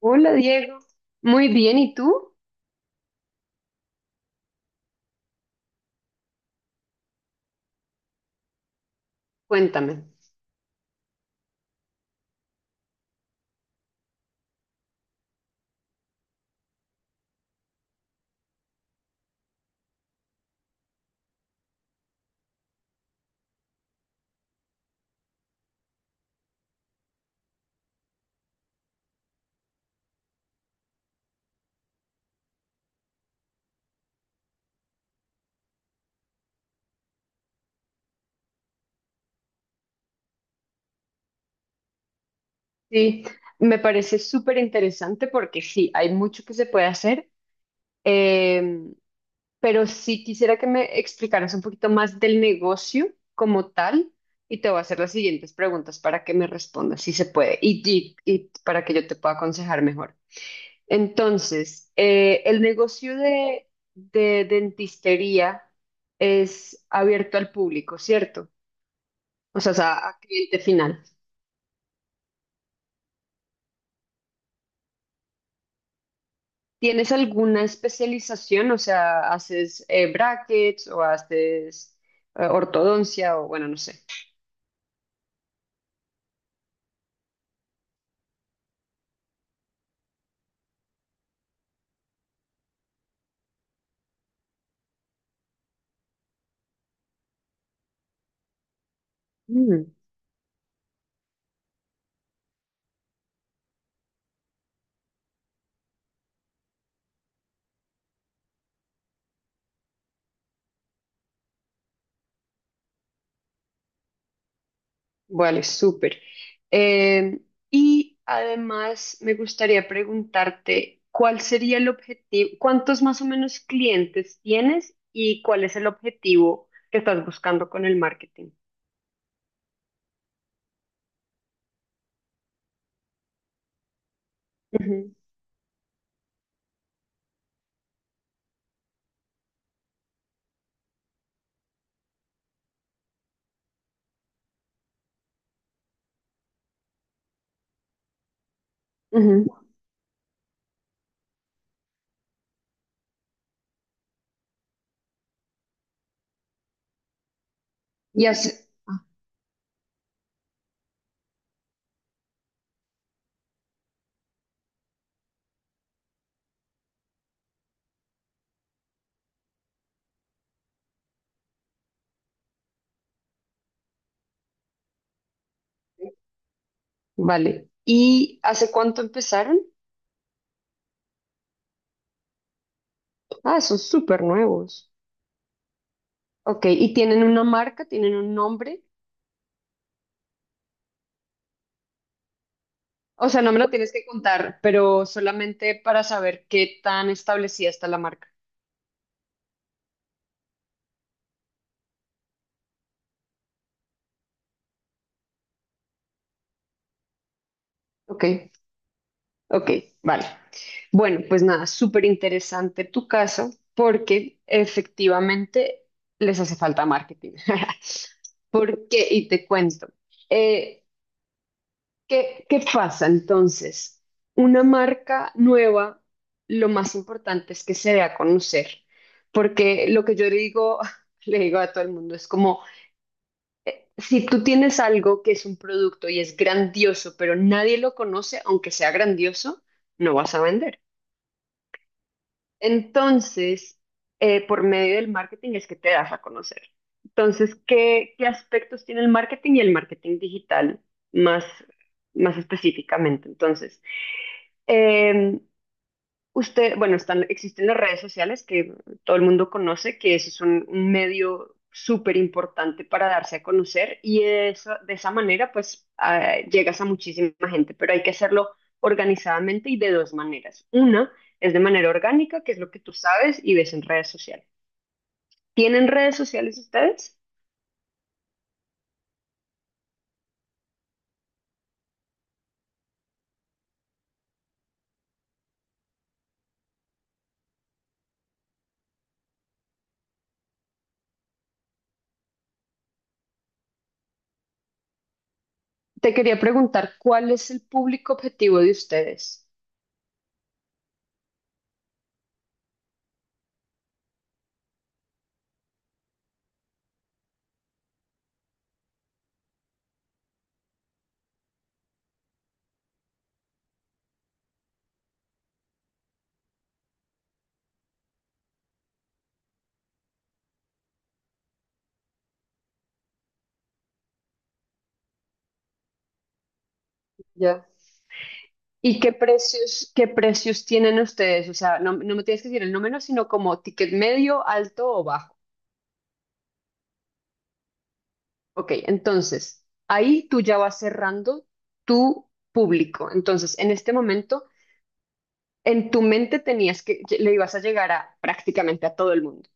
Hola Diego, muy bien, ¿y tú? Cuéntame. Sí, me parece súper interesante porque sí, hay mucho que se puede hacer, eh, pero sí quisiera que me explicaras un poquito más del negocio como tal y te voy a hacer las siguientes preguntas para que me respondas si se puede y para que yo te pueda aconsejar mejor. Entonces, el negocio de dentistería es abierto al público, ¿cierto? O sea, es a cliente final. ¿Tienes alguna especialización? O sea, ¿haces brackets o haces ortodoncia o bueno, no sé? Mm, vale, súper. Eh, y además me gustaría preguntarte, ¿cuál sería el objetivo? ¿Cuántos más o menos clientes tienes y cuál es el objetivo que estás buscando con el marketing? Ujú, ujú. Y hace, vale. ¿Y hace cuánto empezaron? Ah, son súper nuevos. Ok, ¿y tienen una marca? ¿Tienen un nombre? O sea, no me lo tienes que contar, pero solamente para saber qué tan establecida está la marca. Ok, ok, vale. Bueno, pues nada, súper interesante tu caso porque efectivamente les hace falta marketing. ¿Por qué? Y te cuento. Eh, ¿qué pasa entonces? Una marca nueva, lo más importante es que se dé a conocer, porque lo que yo le digo, le digo a todo el mundo, es como, si tú tienes algo que es un producto y es grandioso, pero nadie lo conoce, aunque sea grandioso, no vas a vender. Entonces, por medio del marketing es que te das a conocer. Entonces, ¿qué aspectos tiene el marketing y el marketing digital más, más específicamente? Entonces, Eh, usted, bueno, están, existen las redes sociales que todo el mundo conoce, que eso es un medio súper importante para darse a conocer y eso, de esa manera pues ah, llegas a muchísima gente, pero hay que hacerlo organizadamente y de dos maneras. Una es de manera orgánica, que es lo que tú sabes y ves en redes sociales. ¿Tienen redes sociales ustedes? Te quería preguntar, ¿cuál es el público objetivo de ustedes? Ya. ¿Y qué precios tienen ustedes? O sea, no, no me tienes que decir el número, sino como ticket medio, alto o bajo. Ok, entonces, ahí tú ya vas cerrando tu público. Entonces, en este momento, en tu mente tenías que, le ibas a llegar a prácticamente a todo el mundo.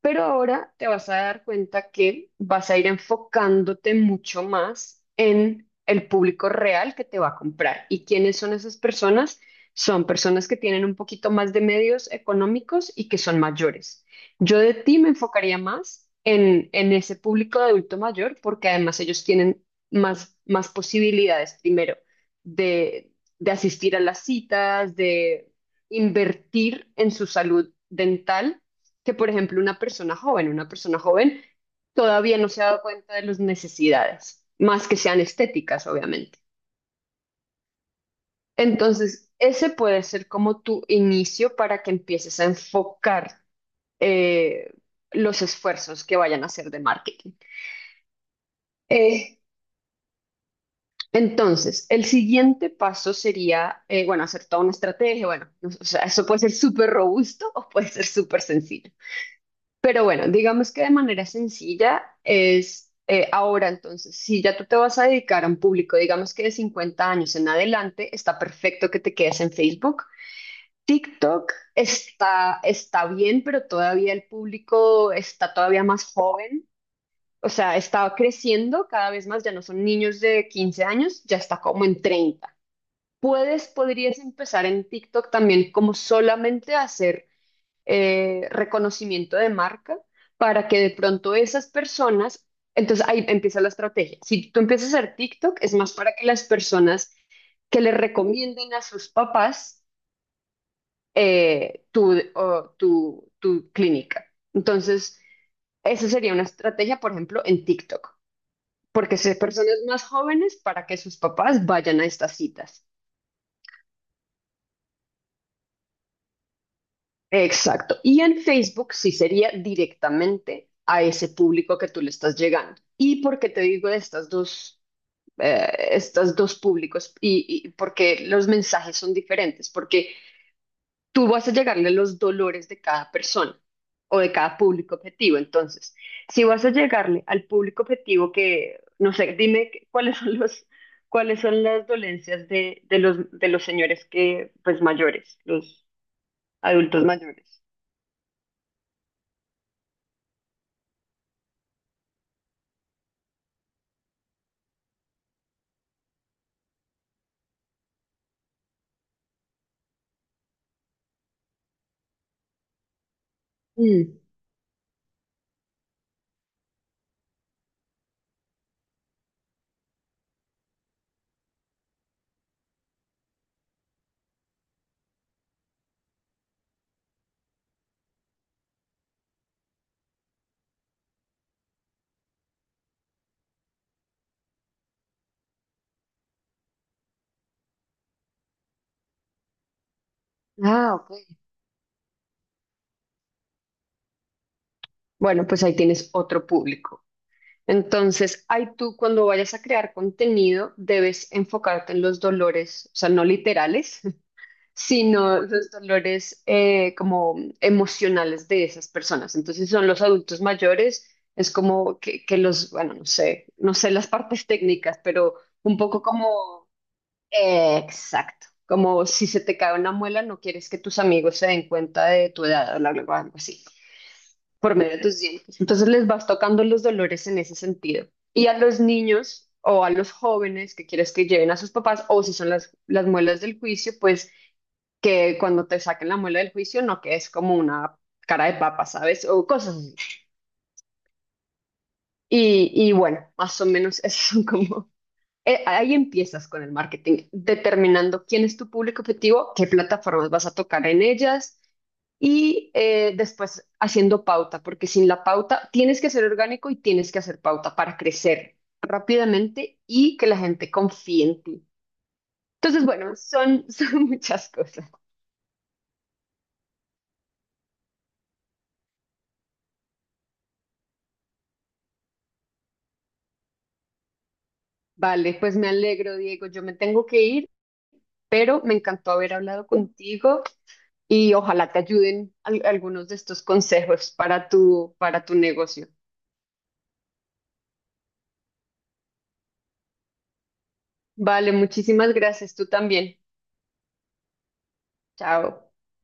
Pero ahora te vas a dar cuenta que vas a ir enfocándote mucho más en el público real que te va a comprar. ¿Y quiénes son esas personas? Son personas que tienen un poquito más de medios económicos y que son mayores. Yo de ti me enfocaría más en ese público de adulto mayor porque además ellos tienen más posibilidades, primero, de, de asistir a las citas, de invertir en su salud dental que, por ejemplo, una persona joven todavía no se ha dado cuenta de las necesidades, más que sean estéticas, obviamente. Entonces, ese puede ser como tu inicio para que empieces a enfocar eh, los esfuerzos que vayan a hacer de marketing. Eh, entonces, el siguiente paso sería, bueno, hacer toda una estrategia, bueno, o sea, eso puede ser súper robusto o puede ser súper sencillo. Pero bueno, digamos que de manera sencilla es ahora entonces, si ya tú te vas a dedicar a un público, digamos que de 50 años en adelante, está perfecto que te quedes en Facebook. TikTok está bien, pero todavía el público está todavía más joven, o sea, está creciendo cada vez más, ya no son niños de 15 años, ya está como en 30. Podrías empezar en TikTok también como solamente a hacer reconocimiento de marca para que de pronto esas personas, entonces ahí empieza la estrategia. Si tú empiezas a hacer TikTok, es más para que las personas que le recomienden a sus papás o tu clínica. Entonces, esa sería una estrategia, por ejemplo, en TikTok, porque son personas más jóvenes para que sus papás vayan a estas citas. Exacto. Y en Facebook sí sería directamente a ese público que tú le estás llegando. ¿Y por qué te digo de estas dos públicos? Y porque los mensajes son diferentes, porque tú vas a llegarle a los dolores de cada persona o de cada público objetivo. Entonces, si vas a llegarle al público objetivo que, no sé, dime cuáles son los, cuáles son las dolencias de los señores que, pues mayores, los adultos mayores. Ah, ok. Bueno, pues ahí tienes otro público. Entonces, ahí tú cuando vayas a crear contenido, debes enfocarte en los dolores, o sea, no literales, sino los dolores como emocionales de esas personas. Entonces, si son los adultos mayores, es como que los, bueno, no sé, no sé las partes técnicas, pero un poco como, exacto, como si se te cae una muela, no quieres que tus amigos se den cuenta de tu edad o algo algo así. Por medio de tus dientes. Entonces les vas tocando los dolores en ese sentido. Y a los niños o a los jóvenes que quieres que lleven a sus papás, o si son las muelas del juicio, pues que cuando te saquen la muela del juicio no que es como una cara de papa, ¿sabes? O cosas así. Y bueno, más o menos esos son como ahí empiezas con el marketing, determinando quién es tu público objetivo, qué plataformas vas a tocar en ellas y después haciendo pauta, porque sin la pauta tienes que ser orgánico y tienes que hacer pauta para crecer rápidamente y que la gente confíe en ti. Entonces, bueno, son, son muchas cosas. Vale, pues me alegro, Diego. Yo me tengo que ir, pero me encantó haber hablado contigo y ojalá te ayuden algunos de estos consejos para tu negocio. Vale, muchísimas gracias. Tú también. Chao.